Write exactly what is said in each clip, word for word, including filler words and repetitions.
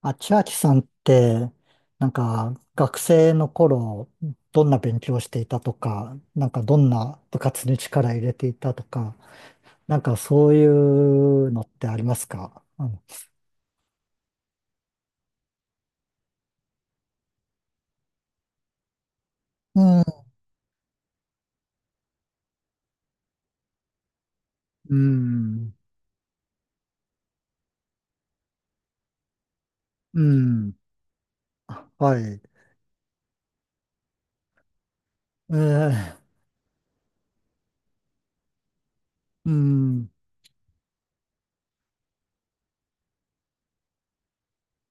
あ、千秋さんって、なんか学生の頃、どんな勉強をしていたとか、なんかどんな部活に力入れていたとか、なんかそういうのってありますか？あのうん、うん、うん、あ、はい、ええ、うん、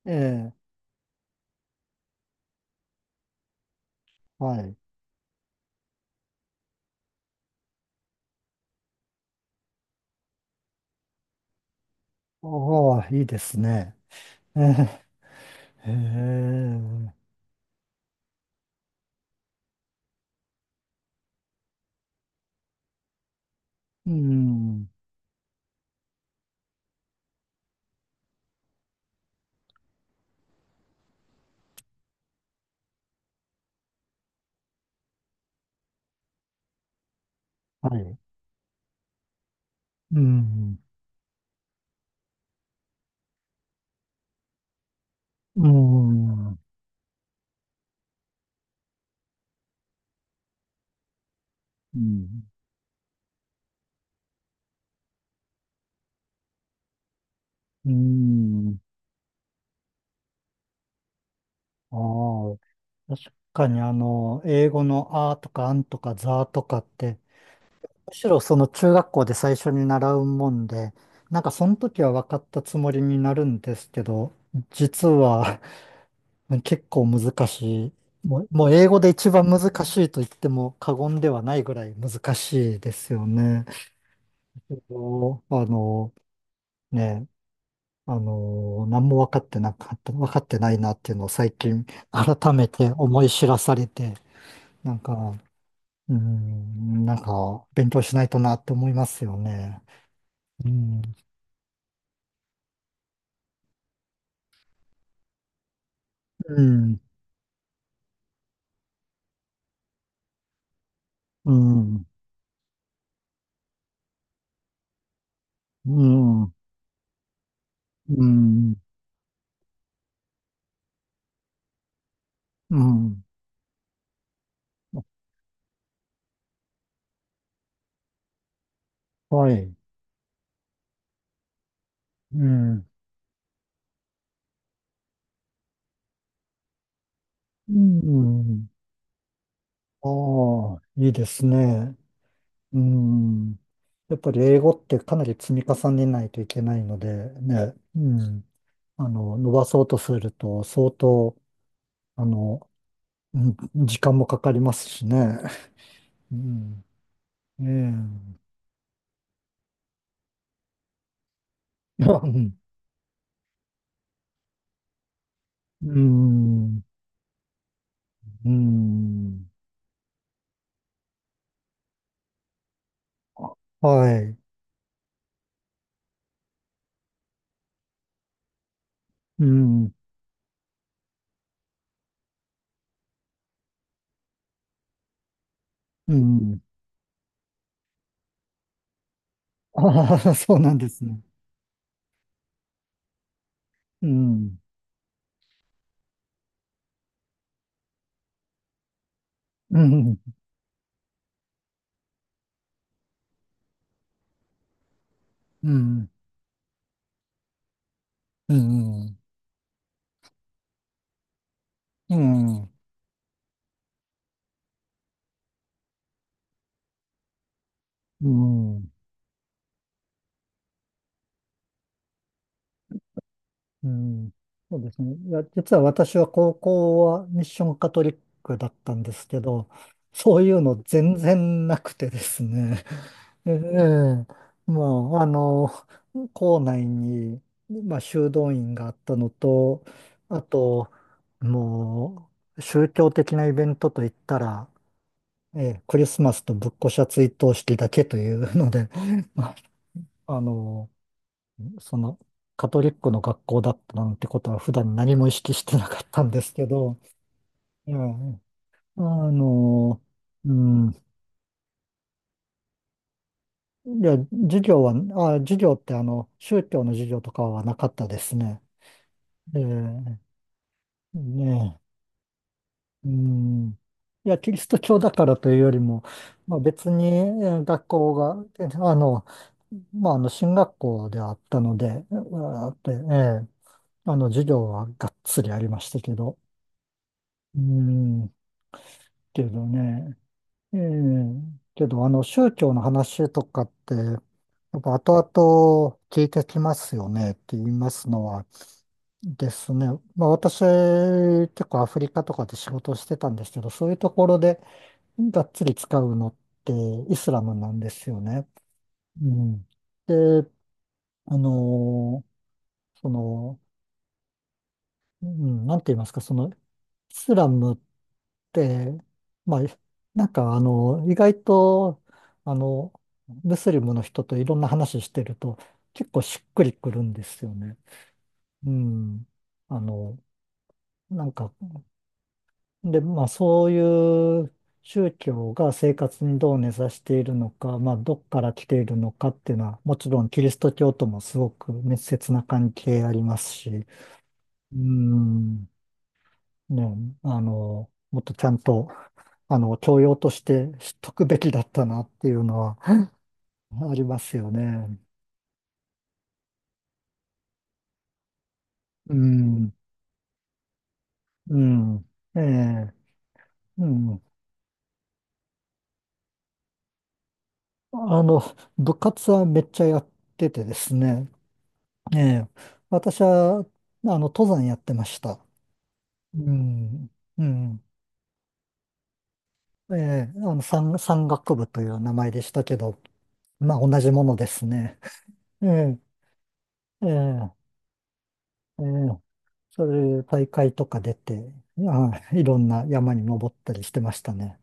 ええ、はい。ああ、いいですね。えー、ええ、うん、はい、うん、うん、うん、うん。ああ、確かにあの、英語のあーとかあんとかざーとかって、むしろその中学校で最初に習うもんで、なんかその時は分かったつもりになるんですけど、実は 結構難しい。もう、もう英語で一番難しいと言っても過言ではないぐらい難しいですよね。そう、あの、ね、あの、何も分かってなかった、分かってないなっていうのを最近改めて思い知らされて、なんか、うん、なんか、勉強しないとなって思いますよね。うん。うん、うん、うん、うん、うん、はい、うん、うん、ああ、いいですね。うん、やっぱり英語ってかなり積み重ねないといけないので、ね、うん、あの、伸ばそうとすると相当、あの、うん時間もかかりますしね。うん、ええ、うん、うん、うーん。あ、はい。うん。うん。ああ、そうなんですね。うん。うん。うん。うん。うん。うん。うん。うん、そうですね。いや、実は私は高校はミッションカトリックだったんですけど、そういうの全然なくてですね。ええ、まあ、あの、校内に、まあ、修道院があったのと、あと、もう、宗教的なイベントといったら、ええ、クリスマスとぶっこしゃ追悼式だけというので、まあ、あの、その、カトリックの学校だったなんてことは普段何も意識してなかったんですけど、いや、あの、うん、いや、授業は、あ、授業ってあの、宗教の授業とかはなかったですね。ええ、ねえ、うん。いや、キリスト教だからというよりも、まあ別にえー学校が、えあの、まああの、進学校ではあったので、うわーって、ええ、あの、授業はがっつりありましたけど、うん。けどね。ええ、けど、あの、宗教の話とかって、やっぱ後々聞いてきますよねって言いますのはですね。まあ私、結構アフリカとかで仕事してたんですけど、そういうところでがっつり使うのってイスラムなんですよね。うん。で、あのーその、うん、なんて言いますか、その、イスラムで、まあ、なんかあの、意外と、あの、ムスリムの人といろんな話してると、結構しっくりくるんですよね。うん。あの、なんか、で、まあそういう宗教が生活にどう根ざしているのか、まあどっから来ているのかっていうのは、もちろんキリスト教ともすごく密接な関係ありますし、うん。ね、あの、もっとちゃんと、あの、教養として知っとくべきだったなっていうのは ありますよね。うん、うん、ええ、うん。あの、部活はめっちゃやっててですね、ええ、私は、あの、登山やってました。うん、うん。ええ、あの、山、山岳部という名前でしたけど、まあ、同じものですね。ええ、えええーそういう大会とか出て、あ、いろんな山に登ったりしてましたね。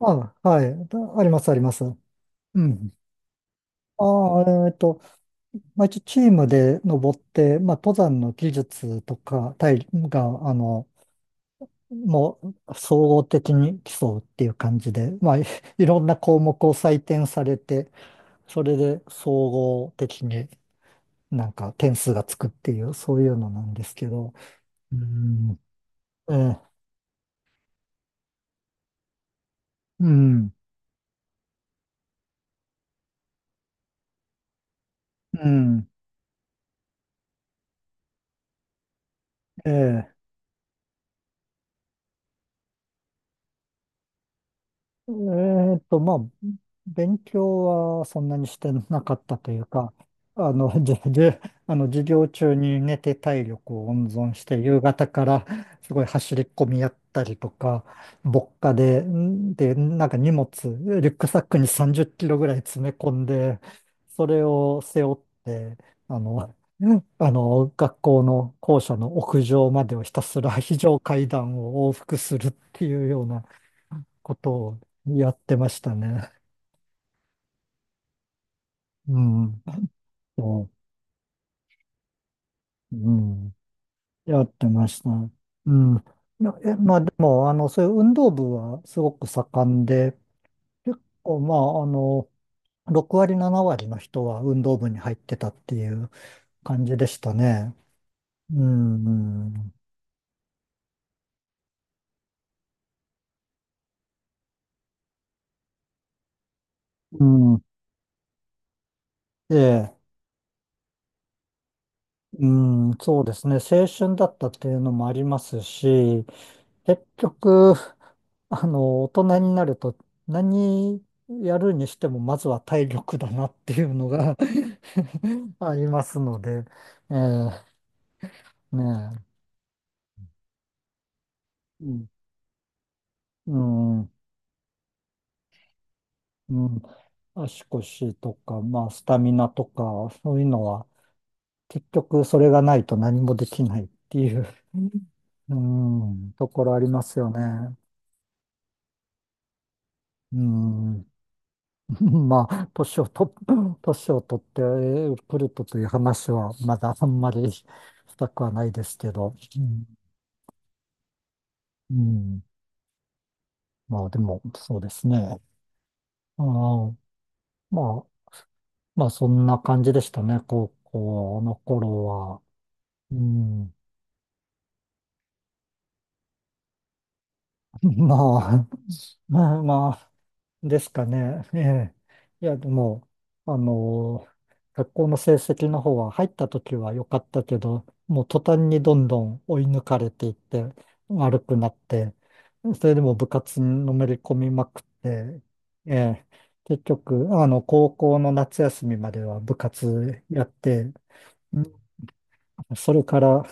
あ、はい。あります、あります。うん。ああ、えっと、まあ、一応チームで登って、まあ、登山の技術とか、体が、あの、もう、総合的に競うっていう感じで、まあ、いいろんな項目を採点されて、それで総合的になんか点数がつくっていう、そういうのなんですけど、うん、ええ、うん。うん。ええ。えーっと、まあ、勉強はそんなにしてなかったというか、あの、じで、あの、授業中に寝て体力を温存して、夕方からすごい走り込みやったりとか、牧歌で、んで、なんか荷物、リュックサックにさんじゅっキロぐらい詰め込んで、それを背負って、あの、うんあの、学校の校舎の屋上までをひたすら非常階段を往復するっていうような、ことをやってましたね。うん。そう、うん。やってました。うん。やえ、まあでも、あの、そういう運動部はすごく盛んで、結構、まあ、あの、ろく割、なな割の人は運動部に入ってたっていう感じでしたね。うん。うん。ええ。うん、そうですね。青春だったっていうのもありますし、結局、あの、大人になると何やるにしてもまずは体力だなっていうのが ありますので、ええ、ねえ、うん、うん、うん足腰とか、まあ、スタミナとか、そういうのは結局それがないと何もできないっていう、うん、ところありますよね。うん まあ、年をと、年を取ってくるとという話は、まだあんまりしたくはないですけど、うん、うんまあでも、そうですね。ああ、まあ、まあそんな感じでしたね、高校の頃は。うん、まあ、まあ、ですかね。ええ。いや、でも、あの、学校の成績の方は入った時は良かったけど、もう途端にどんどん追い抜かれていって悪くなって、それでも部活にのめり込みまくって、ええ、結局、あの、高校の夏休みまでは部活やって、んそれから、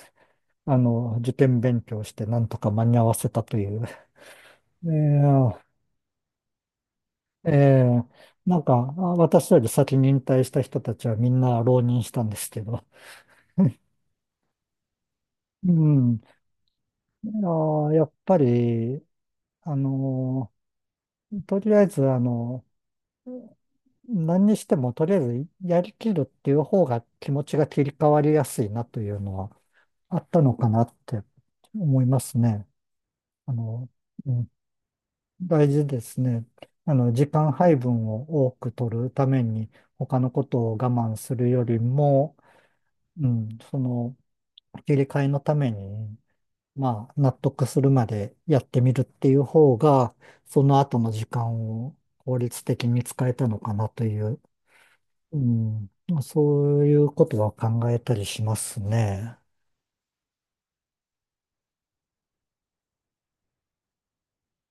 あの、受験勉強してなんとか間に合わせたという、ええええ、なんか、あ、私より先に引退した人たちはみんな浪人したんですけど、うん。あ、やっぱり、あのとりあえず、あの、何にしてもとりあえずやりきるっていう方が気持ちが切り替わりやすいなというのはあったのかなって思いますね。あの、うん、大事ですね。あの、時間配分を多く取るために他のことを我慢するよりも、うん、その、切り替えのために、まあ、納得するまでやってみるっていう方が、その後の時間を効率的に使えたのかなという、うん、そういうことは考えたりしますね。